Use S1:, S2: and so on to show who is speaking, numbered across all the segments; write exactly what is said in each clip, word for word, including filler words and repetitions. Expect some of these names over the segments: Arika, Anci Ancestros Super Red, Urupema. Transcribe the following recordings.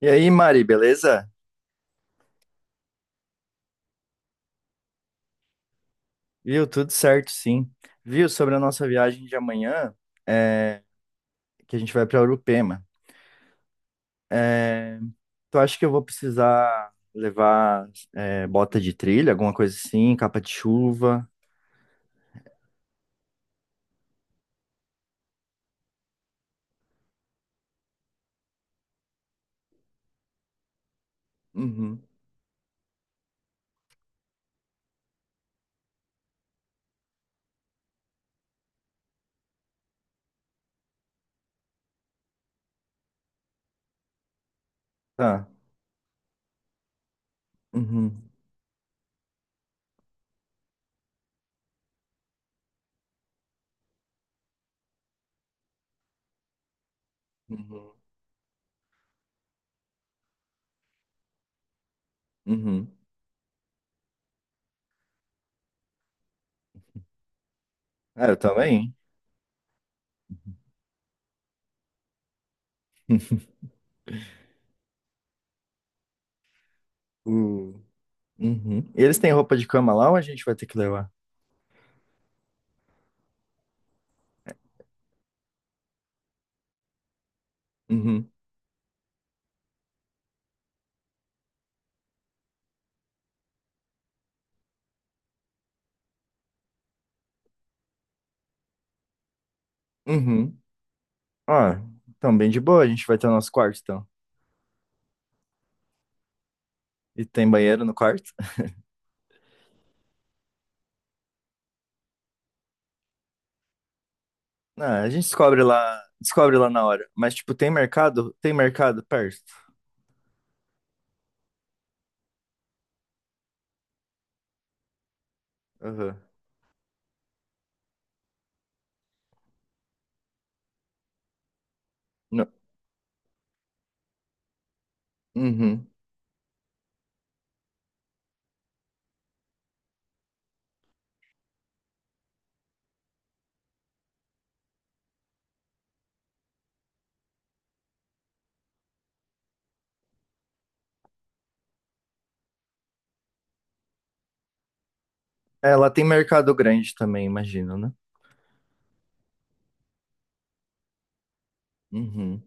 S1: E aí, Mari, beleza? Viu? Tudo certo, sim. Viu? Sobre a nossa viagem de amanhã, é, que a gente vai para Urupema. Tu acha que eu vou precisar levar é, bota de trilha, alguma coisa assim, capa de chuva? Uhum. Tá. Uhum. Uhum. Uhum. É, eu também. Uh. Uhum. E eles têm roupa de cama lá ou a gente vai ter que levar? Uhum. Uhum. Ó, então bem de boa, a gente vai ter o nosso quarto, então. E tem banheiro no quarto? Ah, a gente descobre lá, descobre lá na hora. Mas, tipo, tem mercado? Tem mercado perto. Aham. Não. Uhum. É, lá tem mercado grande também, imagino, né? Uhum.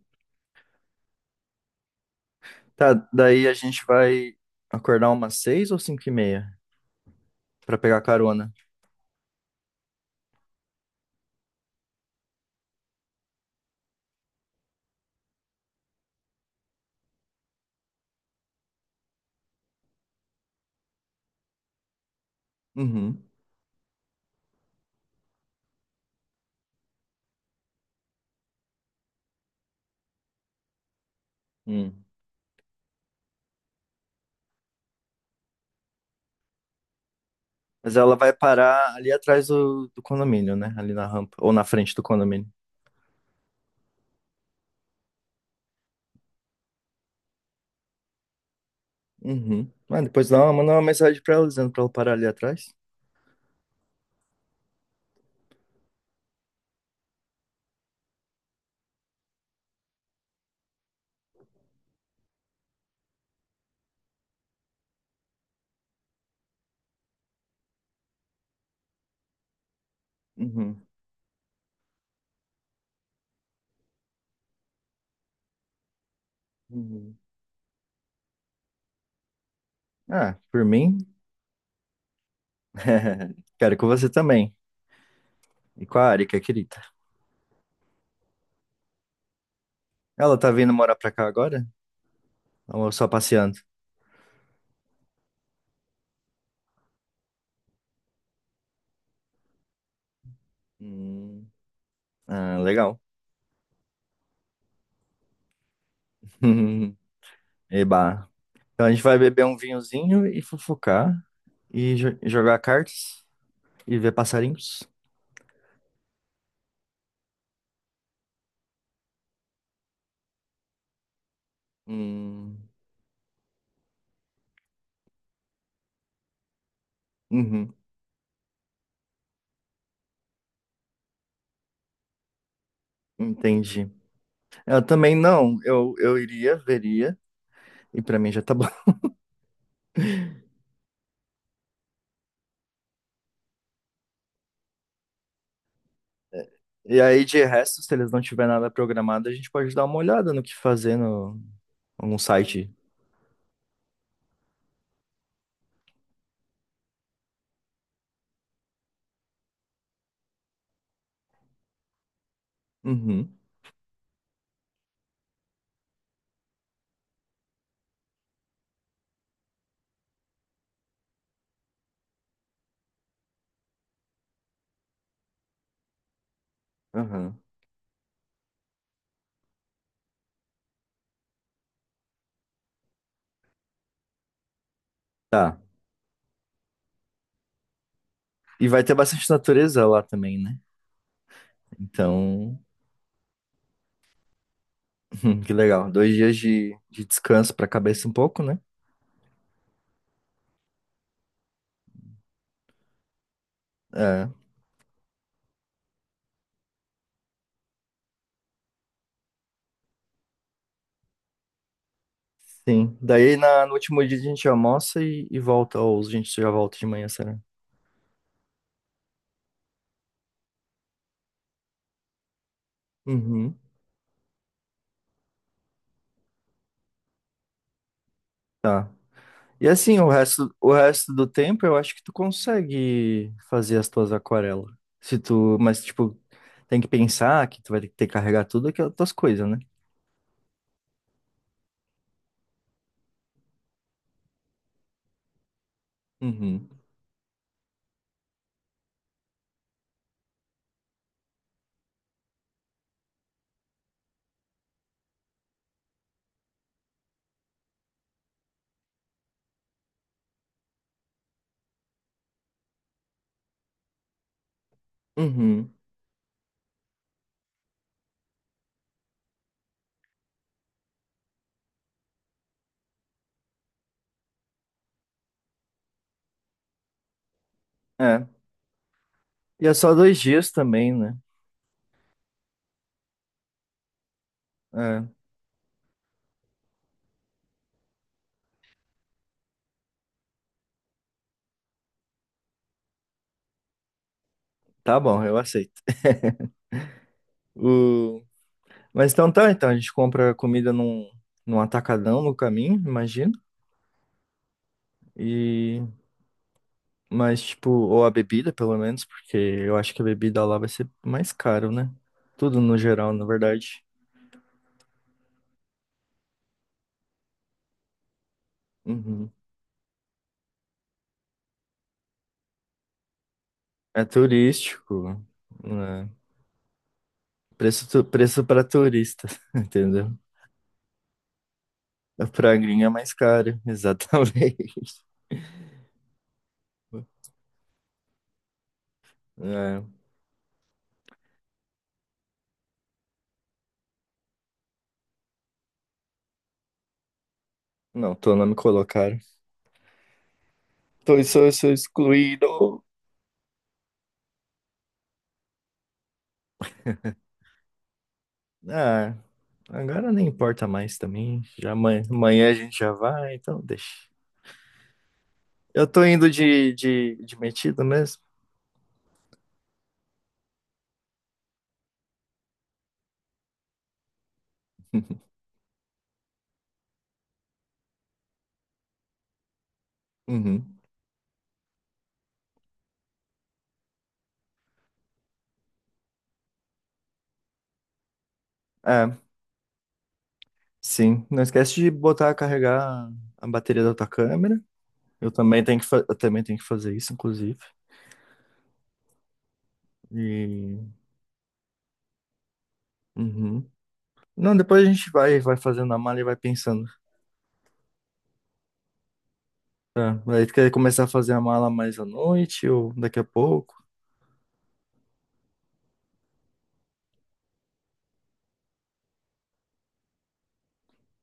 S1: Tá, daí a gente vai acordar umas seis ou cinco e meia pra pegar carona. Uhum. Hum. Mas ela vai parar ali atrás do, do condomínio, né? Ali na rampa, ou na frente do condomínio. Uhum. Mas depois dá uma, manda uma mensagem pra ela dizendo pra ela parar ali atrás. Uhum, uhum. Ah, por mim, quero com você também. E com a Arika, querida. Ela tá vindo morar pra cá agora? Ou só passeando? Hum, ah, legal. Eba. Então a gente vai beber um vinhozinho e fofocar e jo- jogar cartas e ver passarinhos. Hum, uhum, entendi. Eu também não, eu, eu iria, veria, e pra mim já tá bom. E aí, de resto, se eles não tiver nada programado, a gente pode dar uma olhada no que fazer no, algum site. Uhum, aham. Tá. E vai ter bastante natureza lá também, né? Então, que legal. Dois dias de, de descanso pra cabeça um pouco, né? É, sim. Daí na, no último dia a gente almoça e, e volta, ou a gente já volta de manhã, será? Uhum. Tá. E assim, o resto, o resto do tempo eu acho que tu consegue fazer as tuas aquarelas. Se tu, mas tipo, tem que pensar que tu vai ter que carregar tudo aquelas tuas coisas, né? Uhum. Uhum. É. E é só dois dias também, né? É. Tá bom, eu aceito. O... Mas então tá, então a gente compra comida num, num atacadão no caminho, imagino. E mas tipo, ou a bebida, pelo menos, porque eu acho que a bebida lá vai ser mais caro, né? Tudo no geral, na verdade. Uhum. É turístico, né? Preço, tu- preço para turista, entendeu? Pra gringa é mais caro, exatamente. É, não, tô, não me colocaram. Tô, sou, sou excluído. Ah, agora nem importa mais também. Já amanhã, amanhã a gente já vai, então deixa. Eu tô indo de, de, de metido mesmo. Uhum. É, sim. Não esquece de botar, carregar a bateria da tua câmera. Eu também tenho que, fa- eu também tenho que fazer isso, inclusive. E... Uhum. Não, depois a gente vai, vai fazendo a mala e vai pensando. Tá. Aí tu quer começar a fazer a mala mais à noite ou daqui a pouco?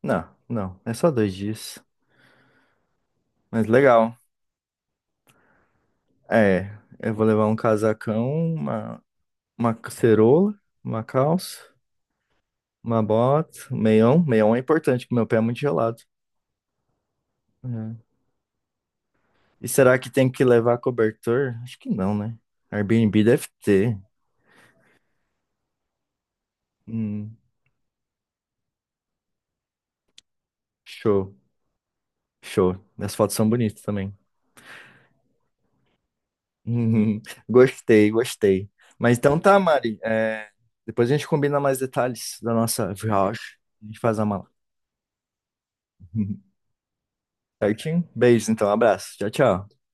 S1: Não, não. É só dois dias. Mas legal. É, eu vou levar um casacão, uma, uma cerola, uma calça, uma bota, um meião. Meião é importante, porque meu pé é muito gelado. É. E será que tem que levar cobertor? Acho que não, né? Airbnb deve ter. Hum, show, show. As fotos são bonitas também. Uhum. Gostei, gostei. Mas então tá, Mari. é, depois a gente combina mais detalhes da nossa viagem. A gente faz a mala. Certinho? Beijo, então. Abraço. Tchau, tchau.